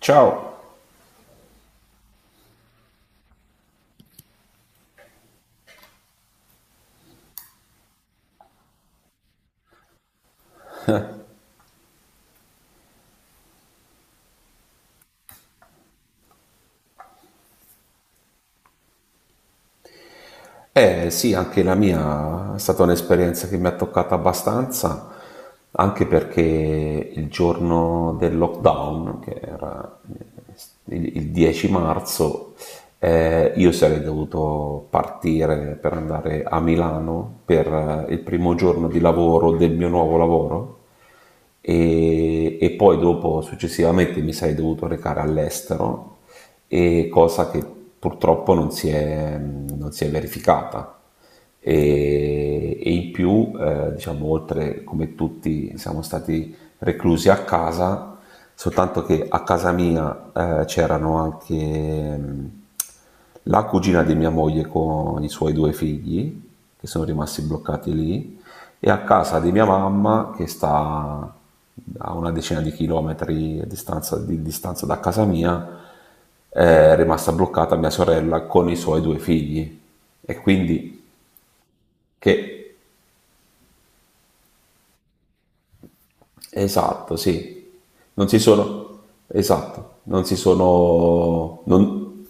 Ciao! Eh sì, anche la mia è stata un'esperienza che mi ha toccata abbastanza, anche perché il giorno del lockdown, che era il 10 marzo, io sarei dovuto partire per andare a Milano per il primo giorno di lavoro del mio nuovo lavoro e poi dopo successivamente mi sarei dovuto recare all'estero, e cosa che purtroppo non si è verificata. E in più, diciamo, oltre come tutti siamo stati reclusi a casa, soltanto che a casa mia c'erano anche la cugina di mia moglie con i suoi 2 figli, che sono rimasti bloccati lì, e a casa di mia mamma che sta a una 10 di chilometri a distanza, di distanza da casa mia, è rimasta bloccata mia sorella con i suoi 2 figli. E quindi che esatto, sì. Non si sono, esatto, non si sono, non-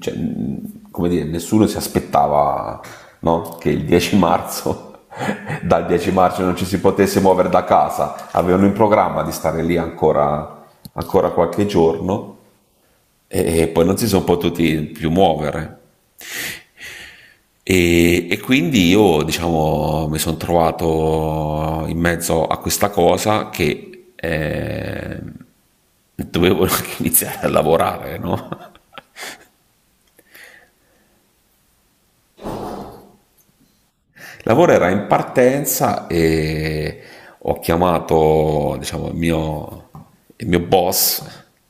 cioè, come dire, nessuno si aspettava, no? Che il 10 marzo, dal 10 marzo non ci si potesse muovere da casa. Avevano in programma di stare lì ancora, ancora qualche giorno e poi non si sono potuti più muovere. E quindi io, diciamo, mi sono trovato in mezzo a questa cosa che dovevo anche iniziare a lavorare, no? Il lavoro era in partenza e ho chiamato diciamo, il mio boss,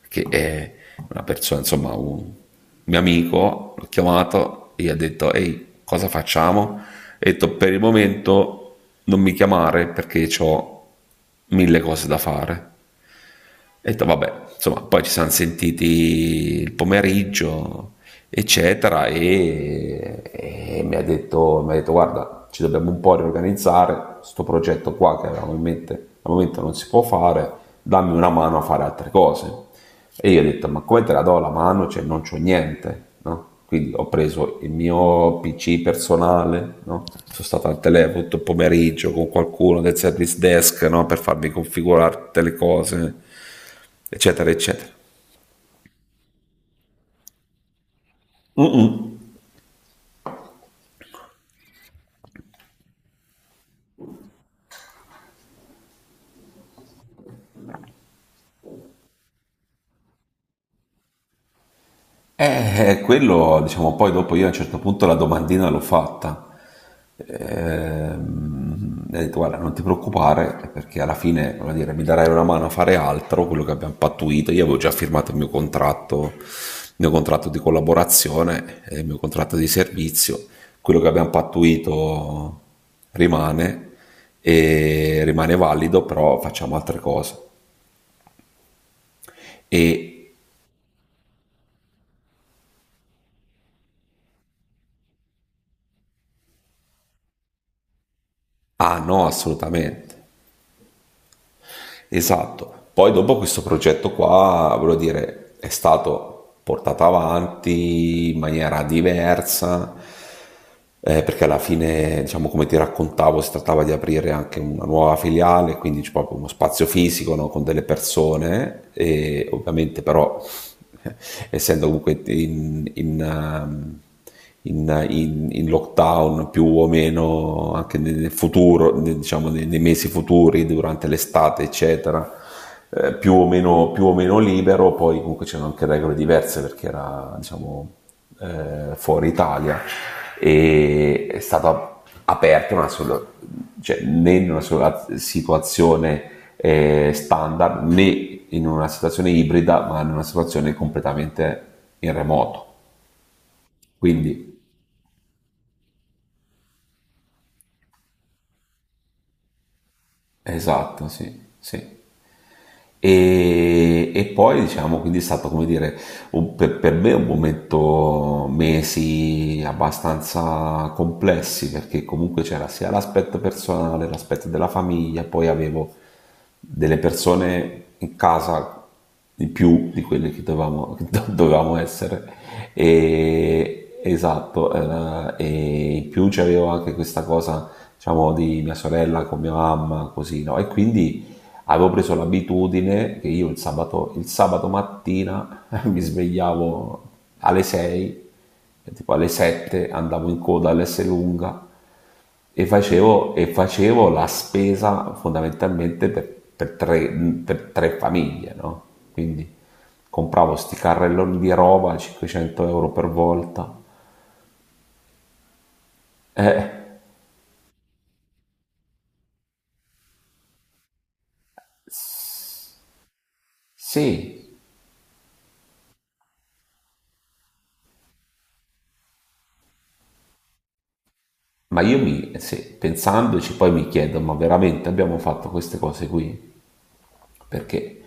che è una persona, insomma, un mio amico, l'ho chiamato e gli ho detto, ehi, cosa facciamo? E ho detto, per il momento non mi chiamare perché ho 1000 cose da fare e ho detto, vabbè, insomma, poi ci siamo sentiti il pomeriggio, eccetera, e ha detto, mi ha detto, guarda, ci dobbiamo un po' riorganizzare, sto progetto qua che avevamo in mente al momento non si può fare, dammi una mano a fare altre cose. E io ho detto, ma come te la do la mano? Cioè, non c'ho niente, no? Quindi ho preso il mio PC personale, no? Sono stato al telefono tutto il pomeriggio con qualcuno del service desk, no? Per farmi configurare tutte le cose eccetera, eccetera. Mm-mm. Quello, diciamo, poi dopo io a un certo punto la domandina l'ho fatta. E ho detto, guarda, non ti preoccupare, perché alla fine, voglio dire, mi darai una mano a fare altro, quello che abbiamo pattuito. Io avevo già firmato il mio contratto di collaborazione, e il mio contratto di servizio. Quello che abbiamo pattuito rimane, e rimane valido, però facciamo altre cose. E, ah no, assolutamente. Esatto. Poi dopo questo progetto qua, voglio dire, è stato portato avanti in maniera diversa, perché alla fine, diciamo, come ti raccontavo, si trattava di aprire anche una nuova filiale, quindi c'è proprio uno spazio fisico, no, con delle persone, e ovviamente però, essendo comunque in lockdown più o meno anche nel nel futuro, diciamo nei mesi futuri, durante l'estate, eccetera, più o meno libero, poi comunque c'erano anche regole diverse perché era, diciamo, fuori Italia e è stata aperta una sola, cioè, né in una sola situazione standard né in una situazione ibrida, ma in una situazione completamente in remoto. Quindi esatto, sì, sì. E poi diciamo, quindi è stato come dire, per me un momento, mesi abbastanza complessi, perché comunque c'era sia l'aspetto personale, l'aspetto della famiglia, poi avevo delle persone in casa di più di quelle che dovevamo, dovevamo essere. E, esatto, e in più c'avevo anche questa cosa, diciamo, di mia sorella con mia mamma, così, no? E quindi avevo preso l'abitudine che io il sabato mattina mi svegliavo alle 6, tipo alle 7 andavo in coda all'S lunga e facevo la spesa fondamentalmente per tre famiglie, no? Quindi compravo sti carrelloni di roba, 500 euro per volta. Eh, sì, ma sì, pensandoci poi mi chiedo, ma veramente abbiamo fatto queste cose qui? Perché,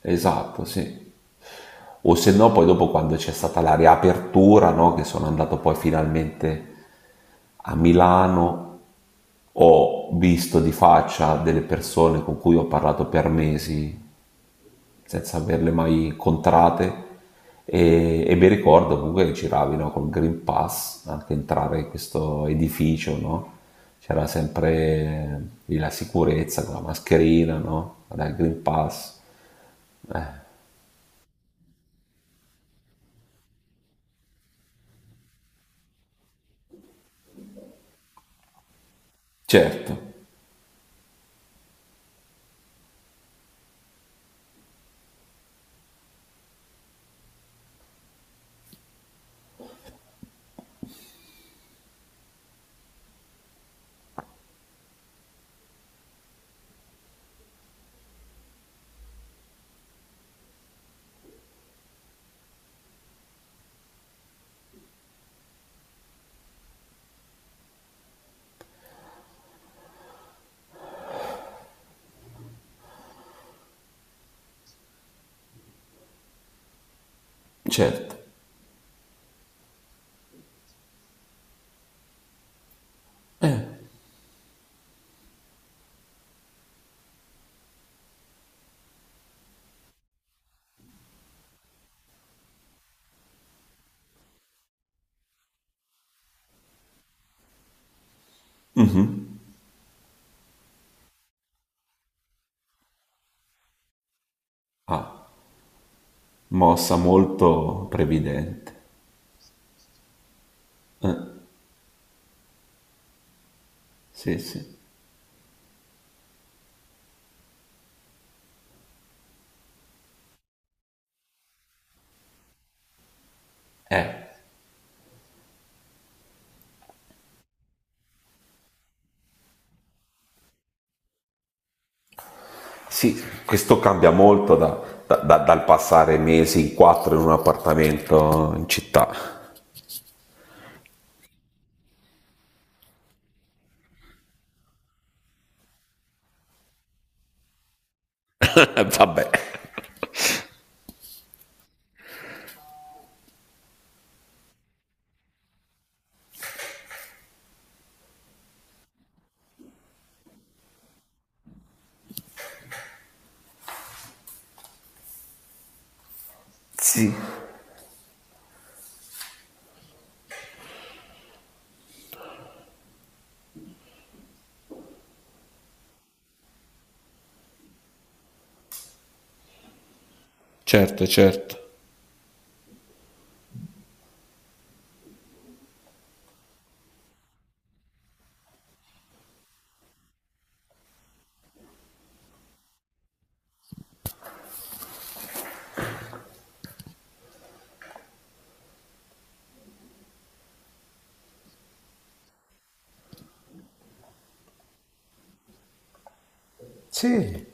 esatto, sì. O se no poi dopo quando c'è stata la riapertura, no, che sono andato poi finalmente a Milano, ho visto di faccia delle persone con cui ho parlato per mesi senza averle mai incontrate e mi ricordo comunque che giravi no, col Green Pass anche entrare in questo edificio, no? C'era sempre lì la sicurezza con la mascherina, no? Dal Green Pass. Certo, certo. Mhm. Ah, mossa molto previdente. Sì, sì. Eh. Sì, questo cambia molto dal passare mesi in quattro in un appartamento in città. Vabbè. Sì. Certo, certo. Sì.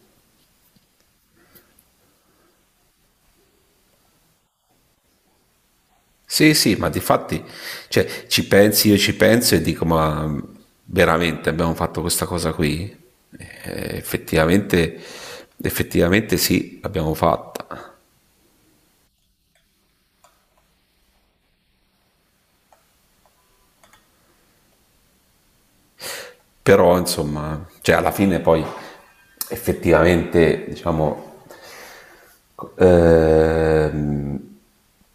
Sì, sì, ma difatti, cioè, ci pensi, io ci penso e dico, ma veramente abbiamo fatto questa cosa qui? Effettivamente, effettivamente sì, l'abbiamo fatta. Però, insomma, cioè alla fine poi effettivamente, diciamo, ehm,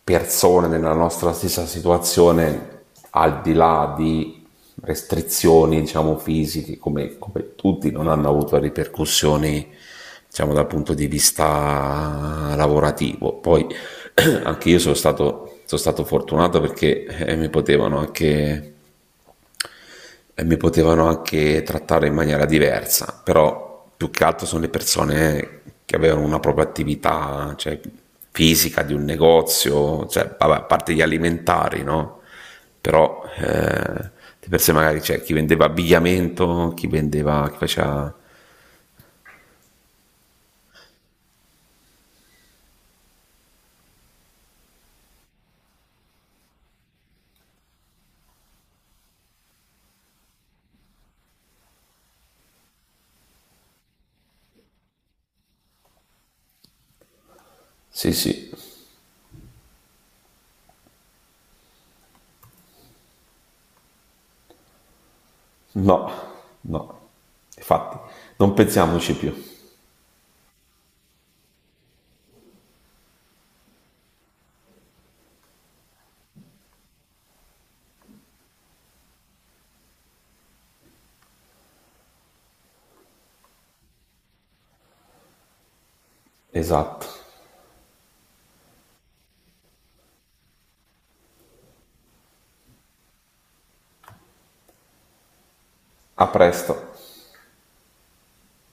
persone nella nostra stessa situazione, al di là di restrizioni, diciamo, fisiche, come, come tutti, non hanno avuto ripercussioni, diciamo, dal punto di vista lavorativo. Poi anche io sono stato fortunato perché mi potevano anche e mi potevano anche trattare in maniera diversa, però più che altro sono le persone che avevano una propria attività, cioè, fisica di un negozio, cioè, vabbè, a parte gli alimentari, no? Però di per sé magari c'è cioè, chi vendeva abbigliamento, chi vendeva, chi faceva... Sì, sì, no, no, infatti, non pensiamoci più. Esatto. A presto.